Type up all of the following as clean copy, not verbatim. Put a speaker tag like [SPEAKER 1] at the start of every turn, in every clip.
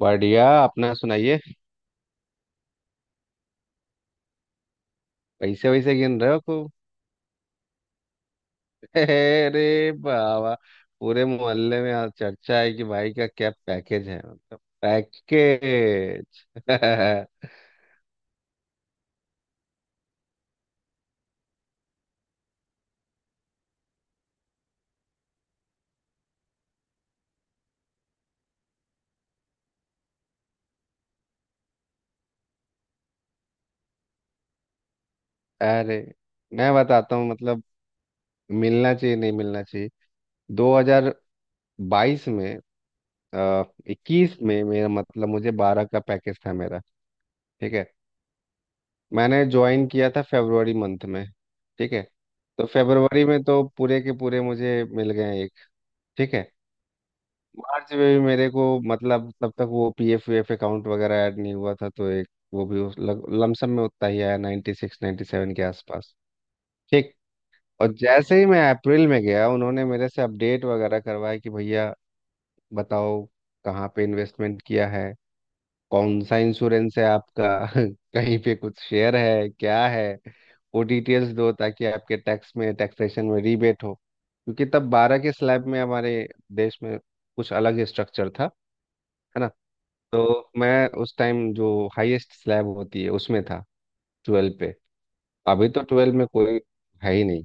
[SPEAKER 1] बढ़िया अपना सुनाइए। पैसे वैसे गिन रहे हो खूब। अरे बाबा। पूरे मोहल्ले में आज चर्चा है कि भाई का क्या पैकेज है मतलब पैकेज। अरे मैं बताता हूँ मतलब मिलना चाहिए नहीं मिलना चाहिए 2022 में आ, 21 में मेरा मतलब मुझे 12 का पैकेज था मेरा। ठीक है। मैंने ज्वाइन किया था फरवरी मंथ में। ठीक है। तो फरवरी में तो पूरे के पूरे मुझे मिल गए एक। ठीक है। मार्च में भी मेरे को मतलब तब तक वो पीएफ वीएफ अकाउंट वगैरह ऐड नहीं हुआ था तो एक वो भी उस लमसम में उतना ही आया नाइन्टी सिक्स नाइन्टी सेवन के आसपास। ठीक। और जैसे ही मैं अप्रैल में गया उन्होंने मेरे से अपडेट वगैरह करवाया कि भैया बताओ कहाँ पे इन्वेस्टमेंट किया है कौन सा इंश्योरेंस है आपका। कहीं पे कुछ शेयर है क्या है वो डिटेल्स दो ताकि आपके टैक्स में टैक्सेशन में रीबेट हो क्योंकि तब बारह के स्लैब में हमारे देश में कुछ अलग ही स्ट्रक्चर था। है ना। तो मैं उस टाइम जो हाईएस्ट स्लैब होती है उसमें था ट्वेल्व पे। अभी तो ट्वेल्व में कोई है ही नहीं।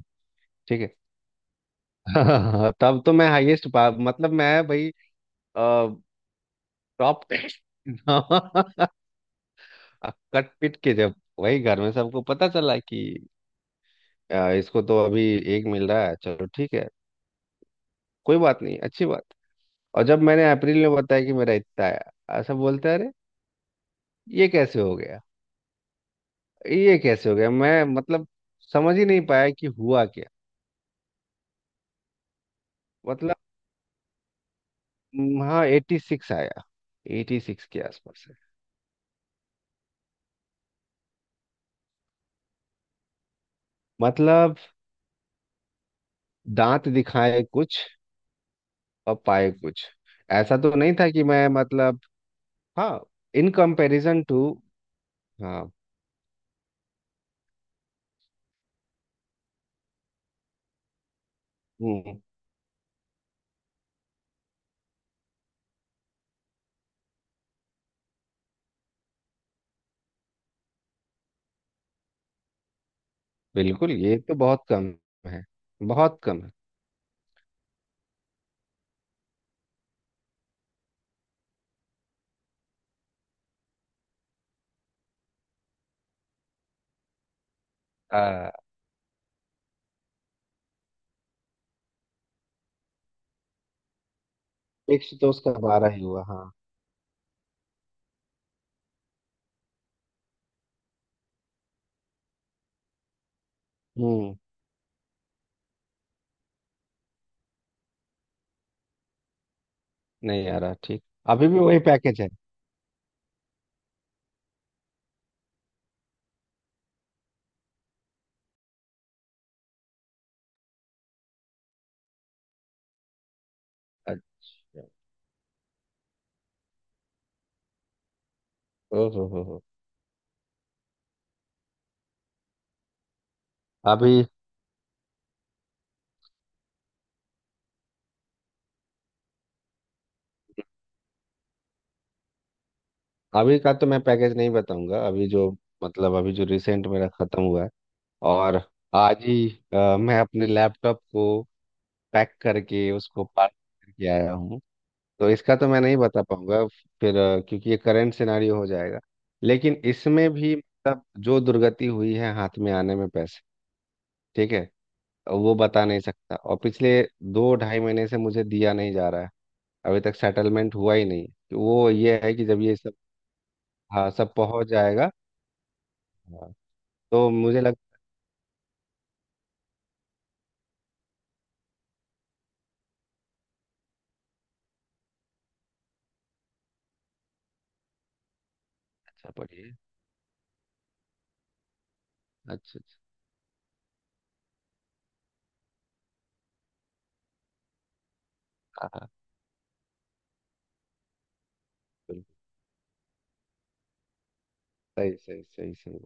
[SPEAKER 1] ठीक है। तब तो मैं हाईएस्ट पा मतलब मैं भाई टॉप। कट पिट के जब वही घर में सबको पता चला कि इसको तो अभी एक मिल रहा है चलो ठीक है कोई बात नहीं अच्छी बात। और जब मैंने अप्रैल में बताया कि मेरा इतना आया सब बोलते हैं, अरे ये कैसे हो गया ये कैसे हो गया मैं मतलब समझ ही नहीं पाया कि हुआ क्या। मतलब हाँ एटी सिक्स आया। एटी सिक्स के आसपास है। मतलब दांत दिखाए कुछ और पाए कुछ। ऐसा तो नहीं था कि मैं मतलब हाँ इन कंपैरिजन टू। हाँ, हम्म, बिल्कुल ये तो बहुत कम है। बहुत कम है। आ, एक सौ तो उसका बारह ही हुआ हाँ। हम्म, नहीं आ रहा ठीक। अभी भी वही पैकेज है। अच्छा। ओ हो हो। अभी अभी का तो मैं पैकेज नहीं बताऊंगा अभी जो मतलब अभी जो रिसेंट मेरा खत्म हुआ है। और आज ही मैं अपने लैपटॉप को पैक करके उसको पार्क करके आया हूँ। तो इसका तो मैं नहीं बता पाऊंगा फिर क्योंकि ये करंट सिनारियो हो जाएगा। लेकिन इसमें भी मतलब जो दुर्गति हुई है हाथ में आने में पैसे ठीक है वो बता नहीं सकता और पिछले दो ढाई महीने से मुझे दिया नहीं जा रहा है। अभी तक सेटलमेंट हुआ ही नहीं तो वो ये है कि जब ये सब हाँ सब पहुंच जाएगा। हाँ, तो मुझे लग अच्छा पढ़िए अच्छा अच्छा हाँ हाँ बिल्कुल सही सही सही सही।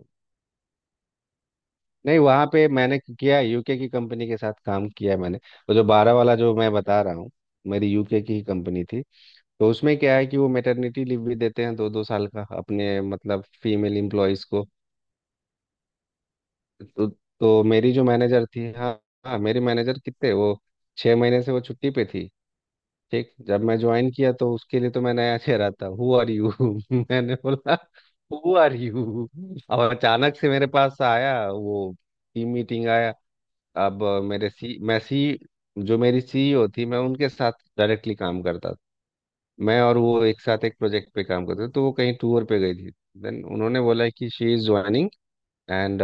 [SPEAKER 1] नहीं वहां पे मैंने किया यूके की कंपनी के साथ काम किया है मैंने। वो जो बारह वाला जो मैं बता रहा हूँ मेरी यूके की ही कंपनी थी। तो उसमें क्या है कि वो मैटरनिटी लीव भी देते हैं दो दो साल का अपने मतलब फीमेल इम्प्लॉयज को। तो मेरी जो मैनेजर थी हाँ हाँ मेरी मैनेजर कितने वो 6 महीने से वो छुट्टी पे थी। ठीक जब मैं ज्वाइन किया तो उसके लिए तो मैं नया चेहरा था हु आर यू। मैंने बोला हु आर यू। और अचानक से मेरे पास आया वो टीम मीटिंग आया। अब मेरे सी मैं सी जो मेरी सीईओ थी मैं उनके साथ डायरेक्टली काम करता था। मैं और वो एक साथ एक प्रोजेक्ट पे काम करते थे तो वो कहीं टूर पे गई थी। देन उन्होंने बोला कि शी इज ज्वाइनिंग एंड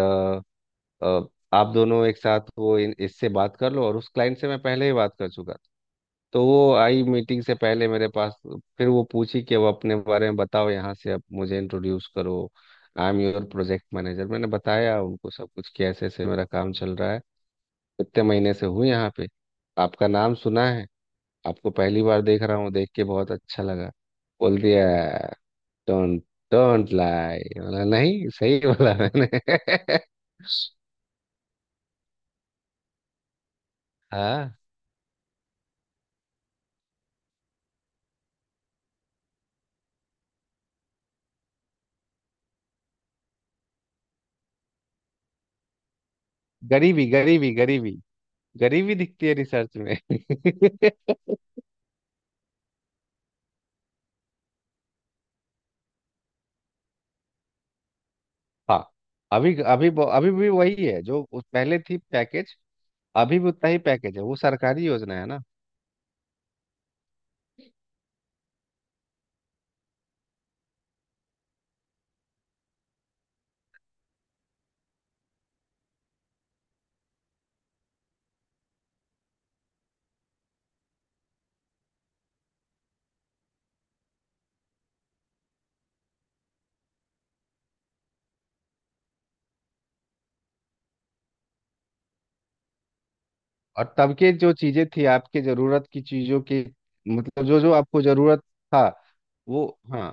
[SPEAKER 1] आप दोनों एक साथ वो इससे बात कर लो और उस क्लाइंट से मैं पहले ही बात कर चुका था। तो वो आई मीटिंग से पहले मेरे पास। फिर वो पूछी कि अब अपने बारे में बताओ यहाँ से अब मुझे इंट्रोड्यूस करो। I am your project manager मैंने बताया उनको सब कुछ कि ऐसे ऐसे मेरा काम चल रहा है कितने महीने से हूँ यहाँ पे आपका नाम सुना है आपको पहली बार देख रहा हूँ देख के बहुत अच्छा लगा बोल दिया डोंट डोंट लाई बोला नहीं सही बोला मैंने। हाँ, गरीबी गरीबी गरीबी। गरीबी दिखती है रिसर्च में। हाँ अभी अभी अभी भी वही है जो पहले थी पैकेज। अभी भी उतना ही पैकेज है वो सरकारी योजना है ना। और तब के जो चीजें थी आपके जरूरत की चीजों की मतलब जो जो आपको जरूरत था वो हाँ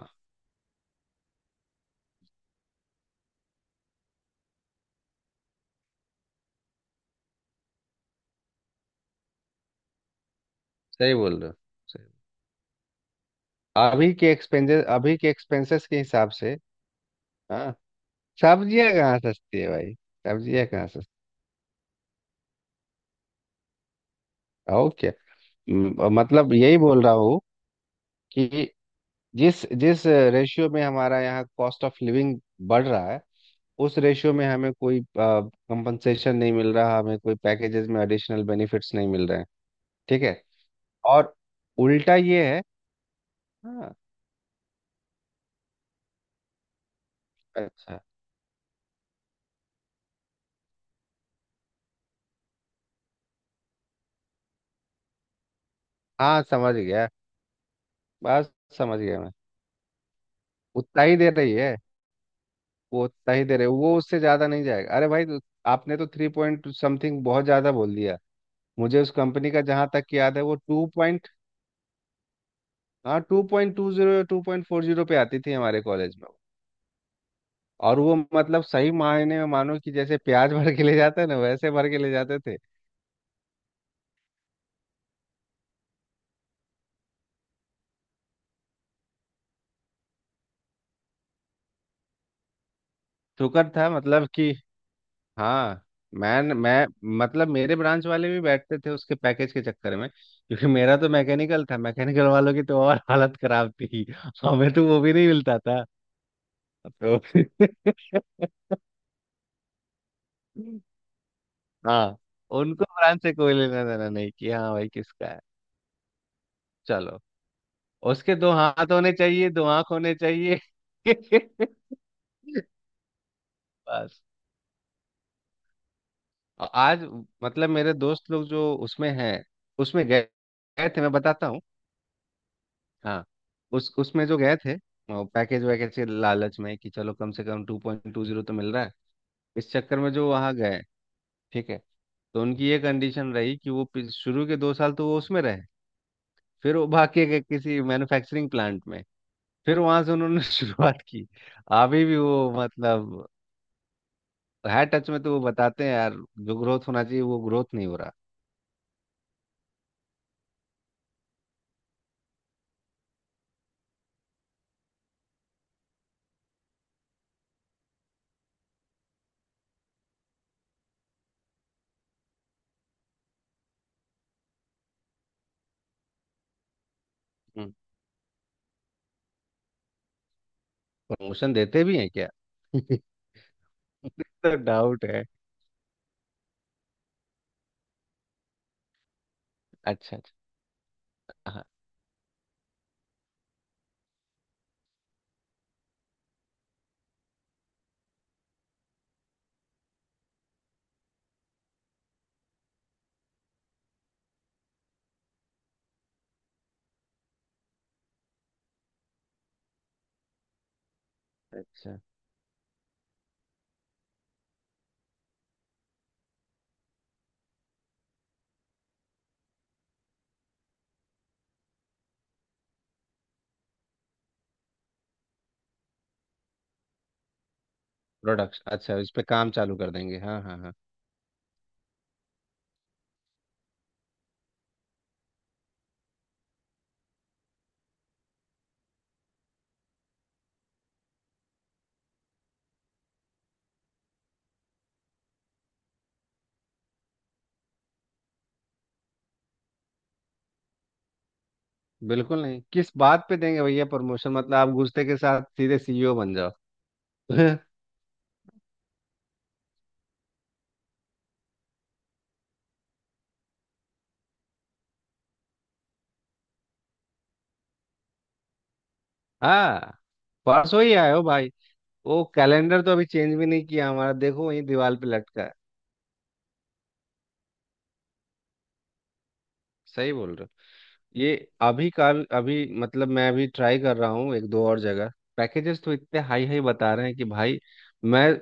[SPEAKER 1] सही बोल रहे हो सही। अभी के एक्सपेंसेस के हिसाब से। हाँ, सब्जियां कहाँ सस्ती है भाई। सब्जियां कहाँ सस्ती और क्या मतलब यही बोल रहा हूँ कि जिस जिस रेशियो में हमारा यहाँ कॉस्ट ऑफ लिविंग बढ़ रहा है उस रेशियो में हमें कोई कंपनसेशन नहीं मिल रहा हमें कोई पैकेजेस में एडिशनल बेनिफिट्स नहीं मिल रहे हैं। ठीक है। और उल्टा ये है हाँ अच्छा हाँ समझ गया बस समझ गया मैं उतना ही दे रही है। वो उतना ही दे रहे वो उससे ज्यादा नहीं जाएगा अरे भाई तो आपने तो थ्री पॉइंट समथिंग बहुत ज्यादा बोल दिया। मुझे उस कंपनी का जहां तक याद है वो टू पॉइंट हाँ टू पॉइंट टू जीरो या टू पॉइंट फोर जीरो पे आती थी हमारे कॉलेज में। और वो मतलब सही मायने में मानो कि जैसे प्याज भर के ले जाते हैं ना वैसे भर के ले जाते थे। शुक्र था मतलब कि हाँ मैं मतलब मेरे ब्रांच वाले भी बैठते थे उसके पैकेज के चक्कर में क्योंकि मेरा तो मैकेनिकल था मैकेनिकल वालों की तो और हालत खराब थी। हमें तो वो भी नहीं मिलता था तो। हाँ, उनको ब्रांड से कोई लेना देना नहीं कि हाँ भाई किसका है। चलो उसके दो हाथ होने चाहिए दो आंख होने चाहिए। बस और आज मतलब मेरे दोस्त लोग जो उसमें हैं उसमें गए गए थे मैं बताता हूँ। हाँ उस उसमें जो गए थे पैकेज वैकेज के लालच में कि चलो कम से कम टू पॉइंट टू जीरो तो मिल रहा है इस चक्कर में जो वहाँ गए। ठीक है। तो उनकी ये कंडीशन रही कि वो शुरू के 2 साल तो वो उसमें रहे। फिर वो बाकी के गए किसी मैन्युफैक्चरिंग प्लांट में। फिर वहां से उन्होंने शुरुआत की। अभी भी वो मतलब है टच में तो वो बताते हैं यार जो ग्रोथ होना चाहिए वो ग्रोथ नहीं हो रहा। प्रमोशन देते भी हैं क्या। तो डाउट है। अच्छा अच्छा हाँ अच्छा प्रोडक्ट अच्छा इस पे काम चालू कर देंगे हाँ हाँ हाँ। बिल्कुल नहीं किस बात पे देंगे भैया प्रमोशन मतलब आप घुसते के साथ सीधे सीईओ बन जाओ। हाँ, परसों ही आए हो भाई। वो कैलेंडर तो अभी चेंज भी नहीं किया हमारा देखो वही दीवार पे लटका है। सही बोल रहे हो ये अभी का अभी मतलब मैं अभी ट्राई कर रहा हूँ एक दो और जगह। पैकेजेस तो इतने हाई हाई बता रहे हैं कि भाई मैं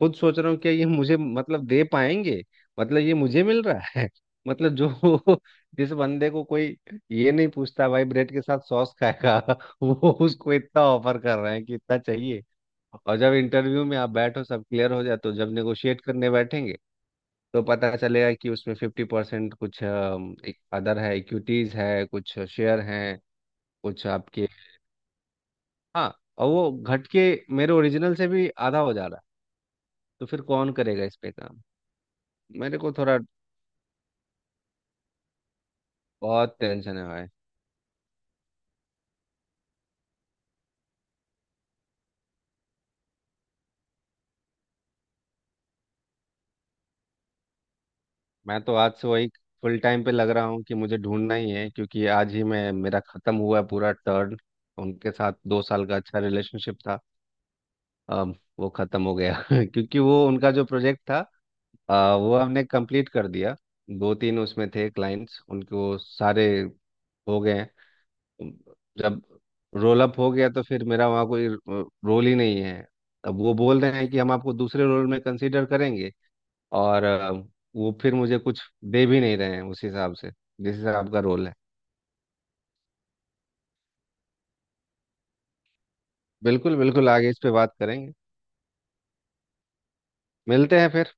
[SPEAKER 1] खुद सोच रहा हूँ कि ये मुझे मतलब दे पाएंगे। मतलब ये मुझे मिल रहा है मतलब जो जिस बंदे को कोई ये नहीं पूछता भाई ब्रेड के साथ सॉस खाएगा वो उसको इतना ऑफर कर रहे हैं कि इतना चाहिए। और जब इंटरव्यू में आप बैठो सब क्लियर हो जाए तो जब नेगोशिएट करने बैठेंगे तो पता चलेगा कि उसमें 50% कुछ अदर है इक्विटीज है कुछ शेयर हैं कुछ आपके। हाँ और वो घट के मेरे ओरिजिनल से भी आधा हो जा रहा है। तो फिर कौन करेगा इस पे काम। मेरे को थोड़ा बहुत टेंशन है भाई। मैं तो आज से वही फुल टाइम पे लग रहा हूँ कि मुझे ढूंढना ही है क्योंकि आज ही मैं मेरा खत्म हुआ है पूरा टर्न। उनके साथ 2 साल का अच्छा रिलेशनशिप था अब वो खत्म हो गया। क्योंकि वो उनका जो प्रोजेक्ट था वो हमने कंप्लीट कर दिया। दो तीन उसमें थे क्लाइंट्स उनको सारे हो गए हैं। जब रोल अप हो गया तो फिर मेरा वहाँ कोई रोल ही नहीं है। अब वो बोल रहे हैं कि हम आपको दूसरे रोल में कंसीडर करेंगे और वो फिर मुझे कुछ दे भी नहीं रहे हैं उस हिसाब से जिस हिसाब का रोल है। बिल्कुल बिल्कुल आगे इस पे बात करेंगे मिलते हैं फिर।